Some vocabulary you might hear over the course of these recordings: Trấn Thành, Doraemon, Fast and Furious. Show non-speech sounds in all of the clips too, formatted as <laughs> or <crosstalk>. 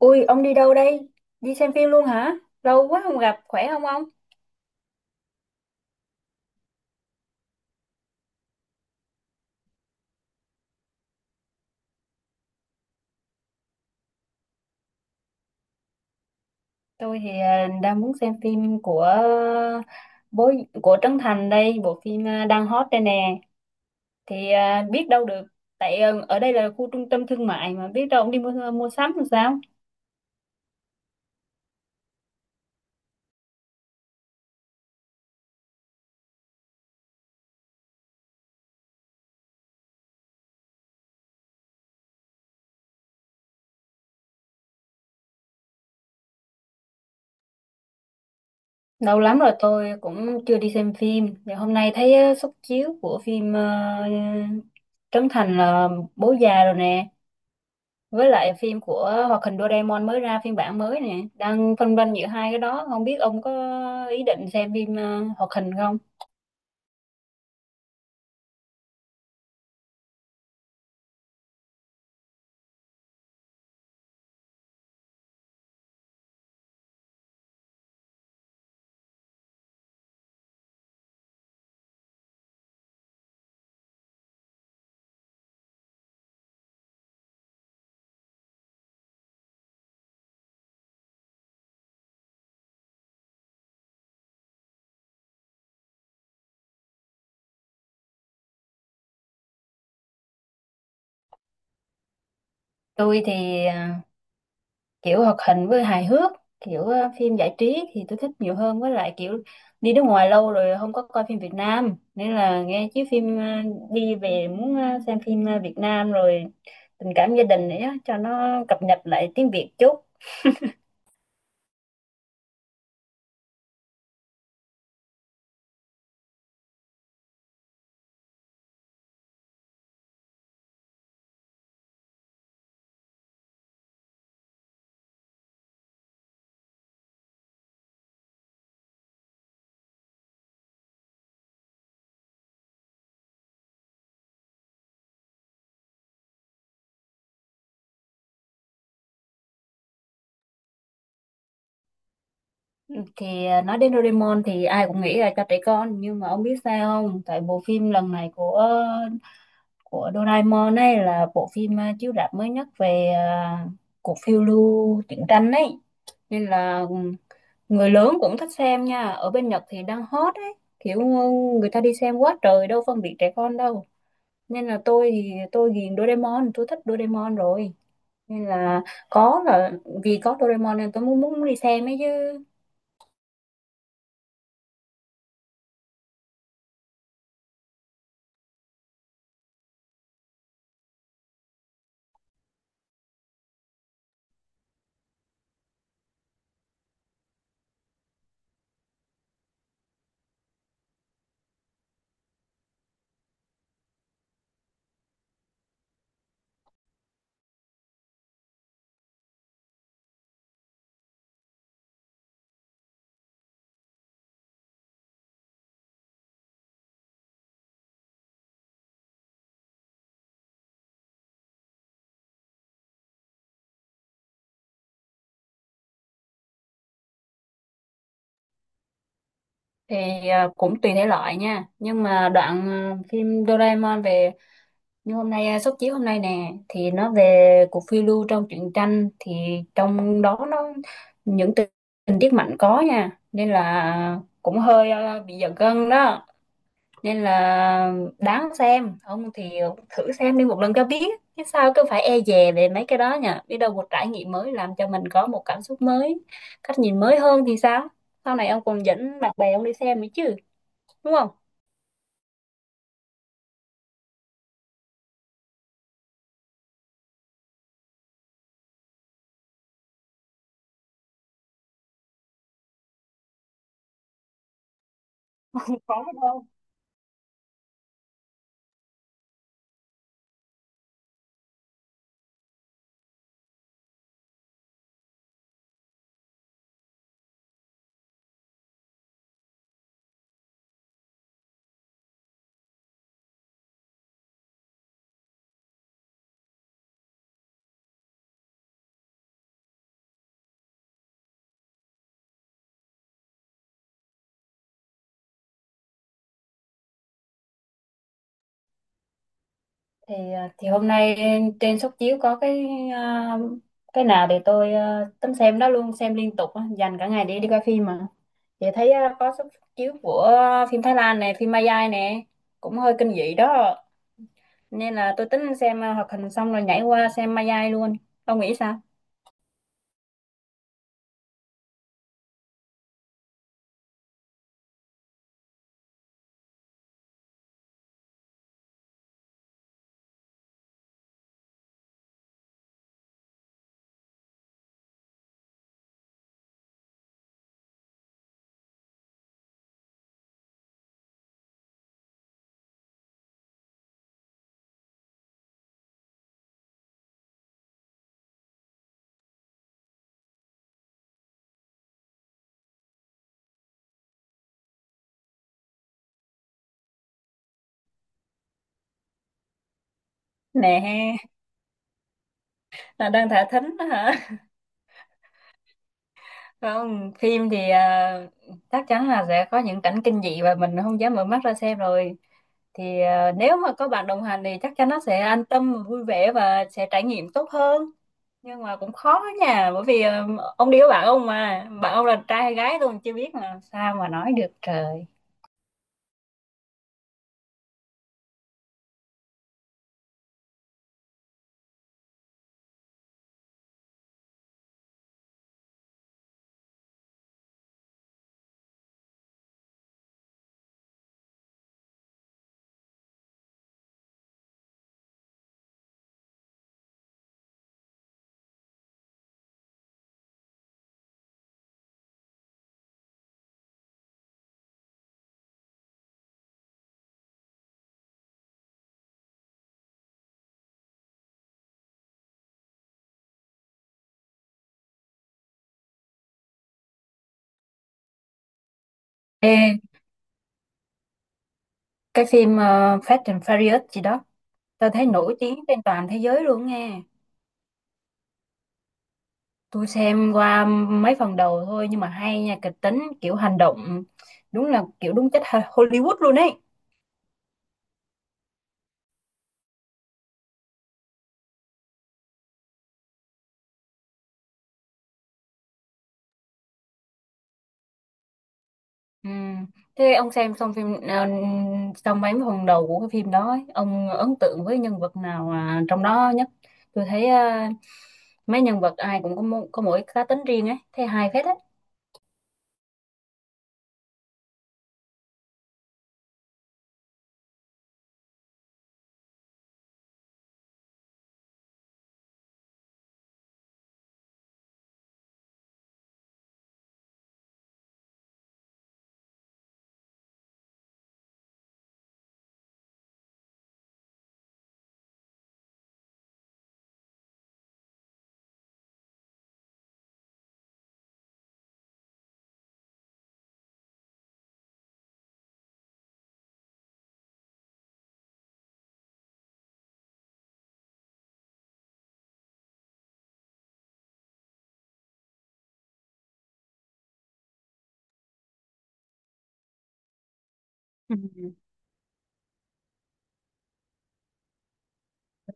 Ui, ông đi đâu đây? Đi xem phim luôn hả? Lâu quá không gặp, khỏe không ông? Tôi thì đang muốn xem phim của bố của Trấn Thành đây, bộ phim đang hot đây nè. Thì biết đâu được, tại ở đây là khu trung tâm thương mại mà biết đâu ông đi mua mua sắm làm sao? Lâu lắm rồi tôi cũng chưa đi xem phim. Thì hôm nay thấy suất chiếu của phim Trấn Thành là bố già rồi nè, với lại phim của hoạt hình Doraemon mới ra phiên bản mới nè, đang phân vân giữa hai cái đó, không biết ông có ý định xem phim hoạt hình không. Tôi thì kiểu hoạt hình với hài hước, kiểu phim giải trí thì tôi thích nhiều hơn, với lại kiểu đi nước ngoài lâu rồi không có coi phim Việt Nam, nên là nghe chứ phim đi về muốn xem phim Việt Nam rồi, tình cảm gia đình nữa, cho nó cập nhật lại tiếng Việt chút. Thì nói đến Doraemon thì ai cũng nghĩ là cho trẻ con, nhưng mà ông biết sao không, tại bộ phim lần này của Doraemon ấy là bộ phim chiếu rạp mới nhất về cuộc phiêu lưu truyện tranh ấy, nên là người lớn cũng thích xem nha, ở bên Nhật thì đang hot ấy, kiểu người ta đi xem quá trời, đâu phân biệt trẻ con đâu, nên là tôi thì tôi ghiền Doraemon, tôi thích Doraemon rồi, nên là có là vì có Doraemon nên tôi muốn muốn đi xem ấy chứ. Thì cũng tùy thể loại nha, nhưng mà đoạn phim Doraemon về như hôm nay suất chiếu hôm nay nè thì nó về cuộc phiêu lưu trong truyện tranh, thì trong đó nó những tình tình tiết mạnh có nha, nên là cũng hơi bị giật gân đó, nên là đáng xem. Ông thì thử xem đi một lần cho biết, chứ sao cứ phải e dè về mấy cái đó nha, biết đâu một trải nghiệm mới làm cho mình có một cảm xúc mới, cách nhìn mới hơn thì sao, sau này ông còn dẫn bạn bè ông đi xem nữa chứ, đúng không? Có được không? Thì thì hôm nay trên suất chiếu có cái à, cái nào để tôi tính xem đó luôn, xem liên tục á, dành cả ngày để đi coi phim mà, thì thấy có suất chiếu của phim Thái Lan này, phim Malaysia nè, cũng hơi kinh dị đó, nên là tôi tính xem hoạt hình xong rồi nhảy qua xem Malaysia luôn. Ông nghĩ sao? Nè, là đang thả thính đó hả? Không, phim thì chắc chắn là sẽ có những cảnh kinh dị và mình không dám mở mắt ra xem rồi. Thì nếu mà có bạn đồng hành thì chắc chắn nó sẽ an tâm, vui vẻ và sẽ trải nghiệm tốt hơn. Nhưng mà cũng khó nha, bởi vì ông đi với bạn ông mà, bạn ông là trai hay gái tôi còn chưa biết mà sao mà nói được trời. Ê, cái phim Fast and Furious gì đó, tôi thấy nổi tiếng trên toàn thế giới luôn nghe. Tôi xem qua mấy phần đầu thôi, nhưng mà hay nha, kịch tính kiểu hành động, đúng là kiểu đúng chất Hollywood luôn ấy. Ừ. Thế ông xem xong phim xong mấy phần đầu của cái phim đó ấy, ông ấn tượng với nhân vật nào trong đó nhất? Tôi thấy mấy nhân vật ai cũng có, có mỗi cá tính riêng ấy, thấy hay phết ấy.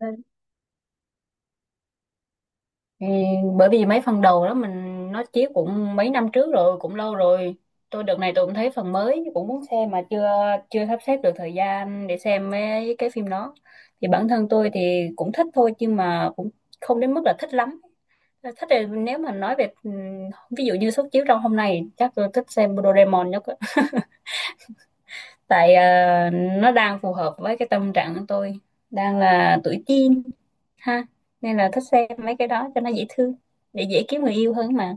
Ừ. Thì bởi vì mấy phần đầu đó mình nó chiếu cũng mấy năm trước rồi, cũng lâu rồi, tôi đợt này tôi cũng thấy phần mới cũng muốn xem mà chưa chưa sắp xếp được thời gian để xem mấy cái phim đó, thì bản thân tôi thì cũng thích thôi, nhưng mà cũng không đến mức là thích lắm. Thích thì nếu mà nói về ừ, ví dụ như suất chiếu trong hôm nay, chắc tôi thích xem Doraemon nhất á. <laughs> Tại nó đang phù hợp với cái tâm trạng của tôi đang là tuổi teen ha, nên là thích xem mấy cái đó cho nó dễ thương, để dễ kiếm người yêu hơn mà.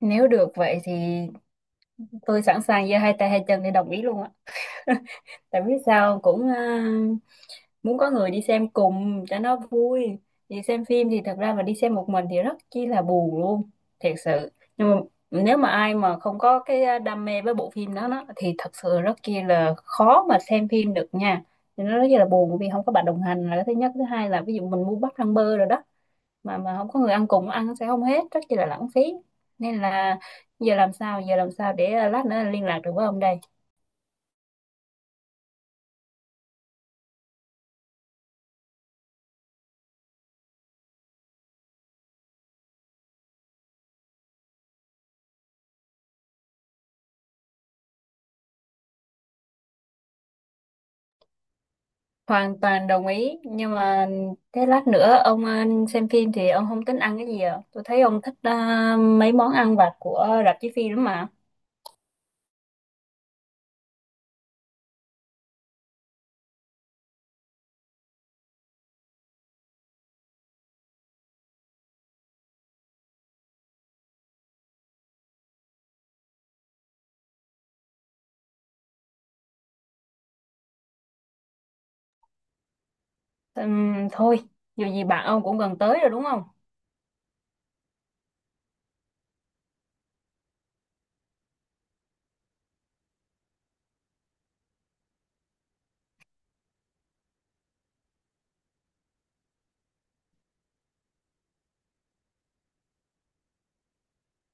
Nếu được vậy thì tôi sẵn sàng giơ hai tay hai chân để đồng ý luôn á. <laughs> Tại biết sao cũng muốn có người đi xem cùng cho nó vui, thì xem phim thì thật ra mà đi xem một mình thì rất chi là buồn luôn, thiệt sự. Nhưng mà nếu mà ai mà không có cái đam mê với bộ phim đó, đó thì thật sự rất chi là khó mà xem phim được nha, thì nó rất là buồn vì không có bạn đồng hành là cái thứ nhất. Thứ hai là ví dụ mình mua bắp rang bơ rồi đó, mà không có người ăn cùng, ăn sẽ không hết, rất chi là lãng phí. Nên là giờ làm sao, giờ làm sao để lát nữa liên lạc được với ông đây? Hoàn toàn đồng ý, nhưng mà thế lát nữa ông xem phim thì ông không tính ăn cái gì à? Tôi thấy ông thích mấy món ăn vặt của rạp chiếu phim lắm mà. Thôi, dù gì bạn ông cũng gần tới rồi đúng không?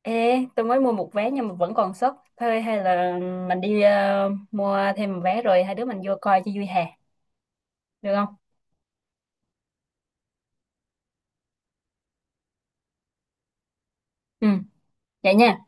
Ê, tôi mới mua một vé nhưng mà vẫn còn sốc thôi, hay là mình đi mua thêm một vé rồi hai đứa mình vô coi cho vui hè? Được không? Ừ, vậy nha.